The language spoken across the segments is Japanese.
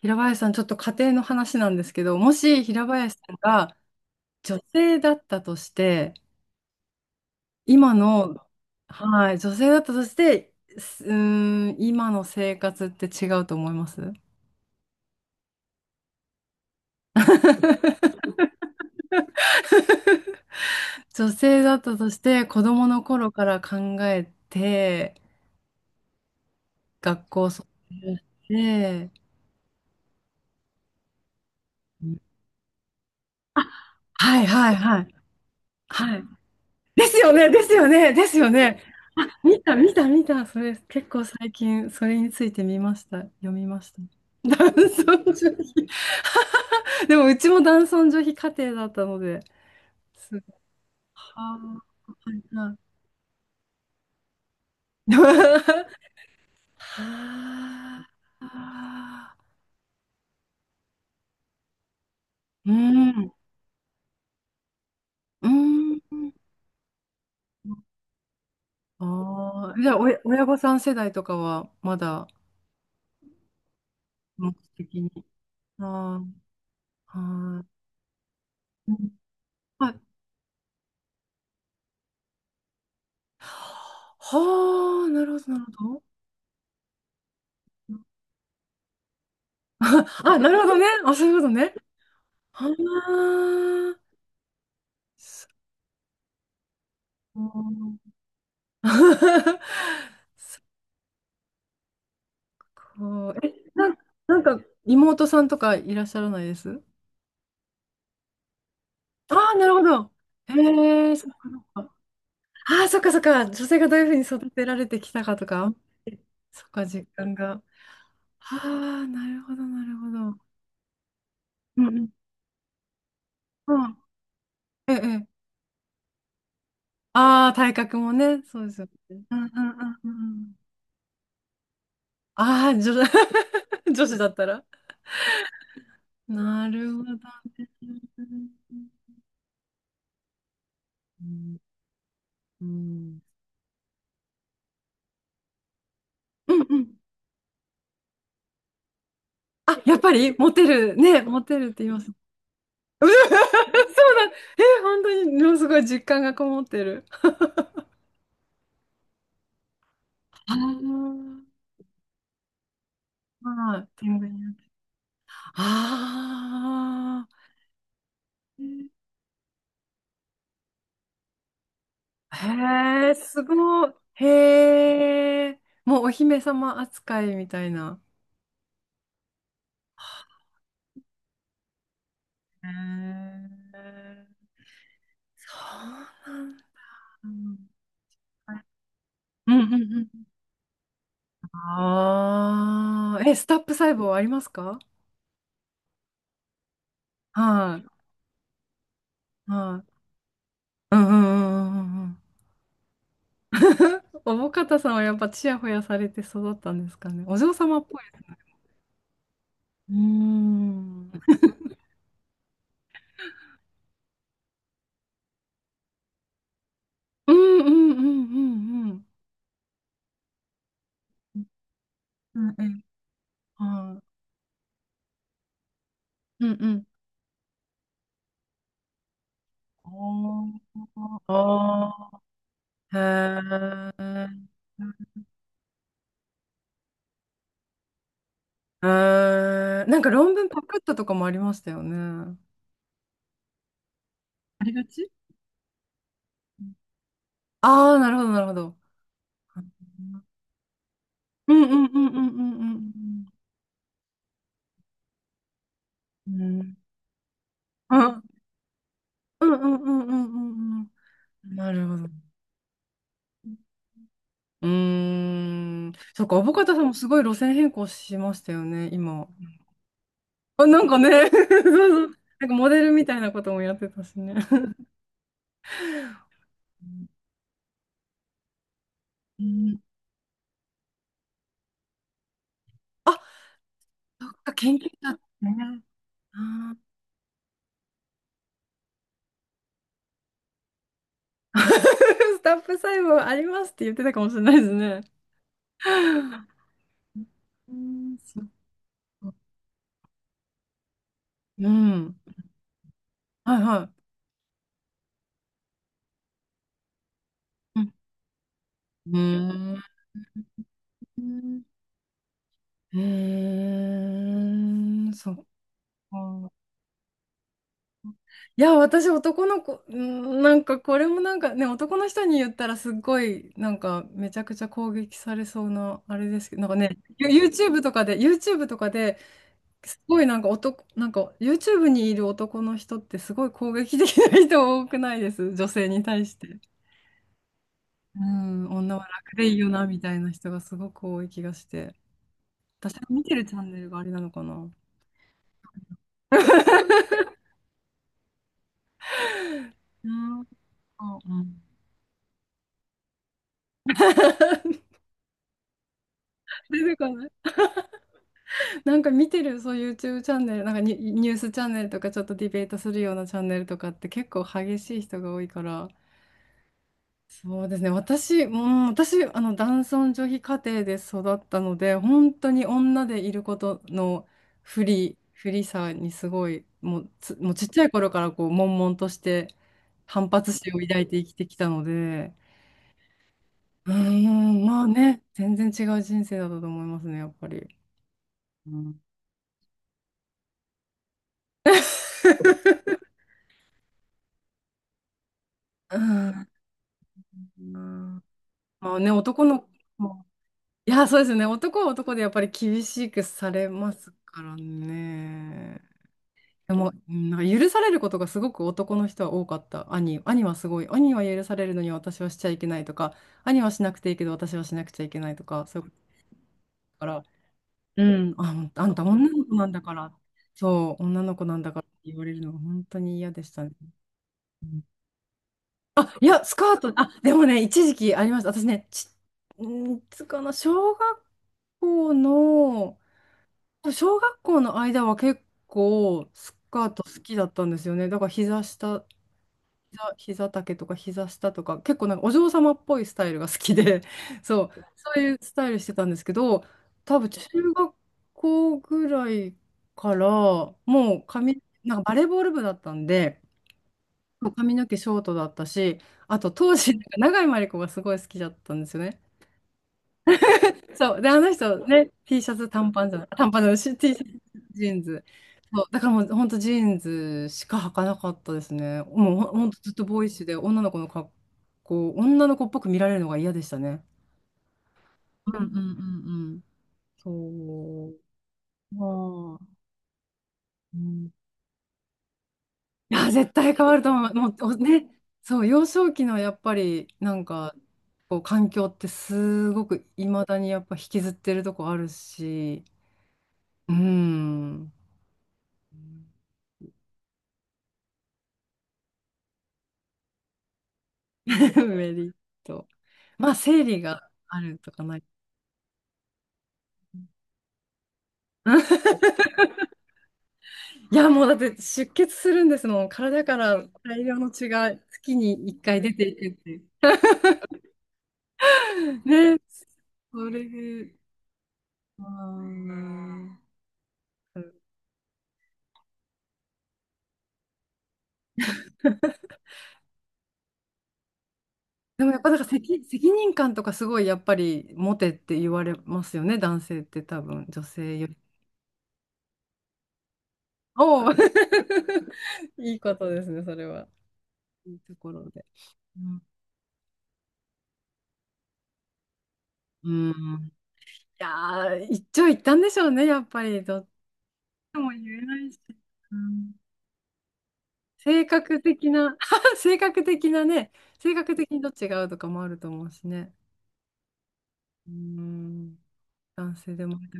平林さん、ちょっと家庭の話なんですけど、もし平林さんが女性だったとして、今の、はい、女性だったとして、すうーん、今の生活って違うと思います？女性だったとして、子供の頃から考えて、学校卒業して、はいはいはい。はい。ですよね、ですよね、ですよね。見た、見た、見た。それ、結構最近、それについて見ました。読みました。男尊女卑。でも、うちも男尊女卑家庭だったので、すごい。はあ。はいはい はあ。うん。うん。ああ。じゃあ、親御さん世代とかは、まだ、目的に。ああ。はい。うんあはあ、なるほど、なるほど。あ、なるほどね。あ、そういうことね。はあ、そう。こう、え、なん、なんか、妹さんとかいらっしゃらないですああ、なるほど。へえ、そっかそっか。ああ、そっかそっか。女性がどういうふうに育てられてきたかとか。そっか、実感が。ああ、なるほど、なるほど。うんうん。うんええ。ええああ、体格もね、そうですよね。うんうんうんうんうん。ああ、女、女子だったら。なるほどね。うん、うん、うんうんあ、やっぱりモテる、ね、モテるって言います。うん そうだ。え、本当に、ものすごい実感がこもってる。ああ、はい。天狗になってああ、へえ、すごい。へえ、もうお姫様扱いみたいな。へえ、そうなんだ。うんうんうんああ、え、スタップ細胞ありますか？はい、はい。うんうんうんうんうん おぼかたさんはやっぱちやほやされて育ったんですかね。お嬢様っぽいですね。うーん。うんうんうんうんうん。うんうん。はい。うんうん。あーあー。へーへーなんか論文パクったとかもありましたよね。ありがちああー、なるほど、なるほど。うんうんうんうんうんうん。うん。うんうんうんうんうんうん。なるほど。うーん。そっか、アボカドさんもすごい路線変更しましたよね、今。あ、なんかね、そうそう。なんかモデルみたいなこともやってたしね。うん。あ、そっか、研究者ってね。あー スタッフ細胞ありますって言ってたかもしれないですね。うん、そっか。うん。はいはい。うん。うんへえ、そっか。いや、私男の子、うんなんかこれもなんかね、男の人に言ったらすっごい、なんかめちゃくちゃ攻撃されそうな、あれですけど、なんかね、YouTube とかで、YouTube とかで、すごいなんか男、なんか YouTube にいる男の人ってすごい攻撃的な人多くないです女性に対して。うん、女は楽でいいよな、みたいな人がすごく多い気がして。私が見てるチャンネルがあれなのかな。うんうんうん。出てこないなんか見てる、そう YouTube チャンネル、なんかニュースチャンネルとかちょっとディベートするようなチャンネルとかって結構激しい人が多いから、そうですね、私、うん、私、あの、男尊女卑家庭で育ったので、本当に女でいることの不利さにすごい、もうちっちゃい頃からこう、悶々として反発心を抱いて生きてきたので、うん、まあね、全然違う人生だったと思いますね、やっぱり。うん うん。うんまあね、男の子も、いや、そうですね、男は男でやっぱり厳しくされますからね。でも、うんなんか許されることがすごく男の人は多かった。兄はすごい。兄は許されるのに私はしちゃいけないとか、兄はしなくていいけど私はしなくちゃいけないとか、そういうことだから、うん、あ、あんた女の子なんだから、そう、女の子なんだからって言われるのが本当に嫌でしたね。いや、スカート、あ、でもね、一時期ありました。私ね、んーつかな、校の、小学校の間は結構スカート好きだったんですよね。だから膝丈とか膝下とか、結構なんかお嬢様っぽいスタイルが好きで、そう、そういうスタイルしてたんですけど、多分中学校ぐらいから、もう髪、なんかバレーボール部だったんで、もう髪の毛ショートだったし、あと当時、長井真理子がすごい好きだったんですよね。そう。で、あの人ね、T シャツ短パンじゃない、短パンじゃないし、T シャツジーンズ。そう。だからもう本当ジーンズしか履かなかったですね。もうほんとずっとボーイッシュで女の子っぽく見られるのが嫌でしたね。うんうん。そう。いや、絶対変わると思う。もうおね、そう、幼少期のやっぱりなんか、こう環境ってすごくいまだにやっぱ引きずってるとこあるし、うーん。メリット。まあ、生理があるとかない。いや、もうだって出血するんですもん。体から大量の血が月に1回出ていくっていう。ね、それで。あーでもやっぱだから責任感とかすごいやっぱり持てって言われますよね、男性って多分、女性より。おお いいことですね、それは。いいところで。うん、うんいやー、一長一短でしょうね、やっぱり。どっちとも言えないし。うん、性格的な、性格的なね、性格的にどっちが合うとかもあると思うしね。うん、男性でもあ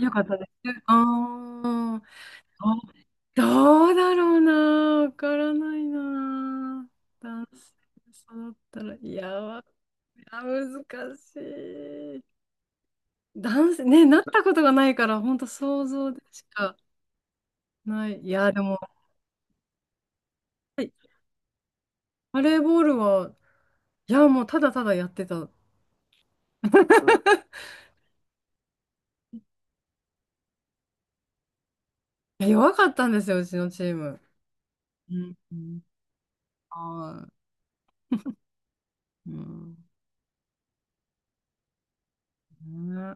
よかったです。あーあ、どうだろうな、わからないな。男性で育ったら、いや、わいや、難しい。男性、ね、なったことがないから、本当想像でしかない。いや、でも。バレーボールは、いや、もうただただやってた。いや弱かったんですよ、うちのチーム。うんうんはい。うん。ね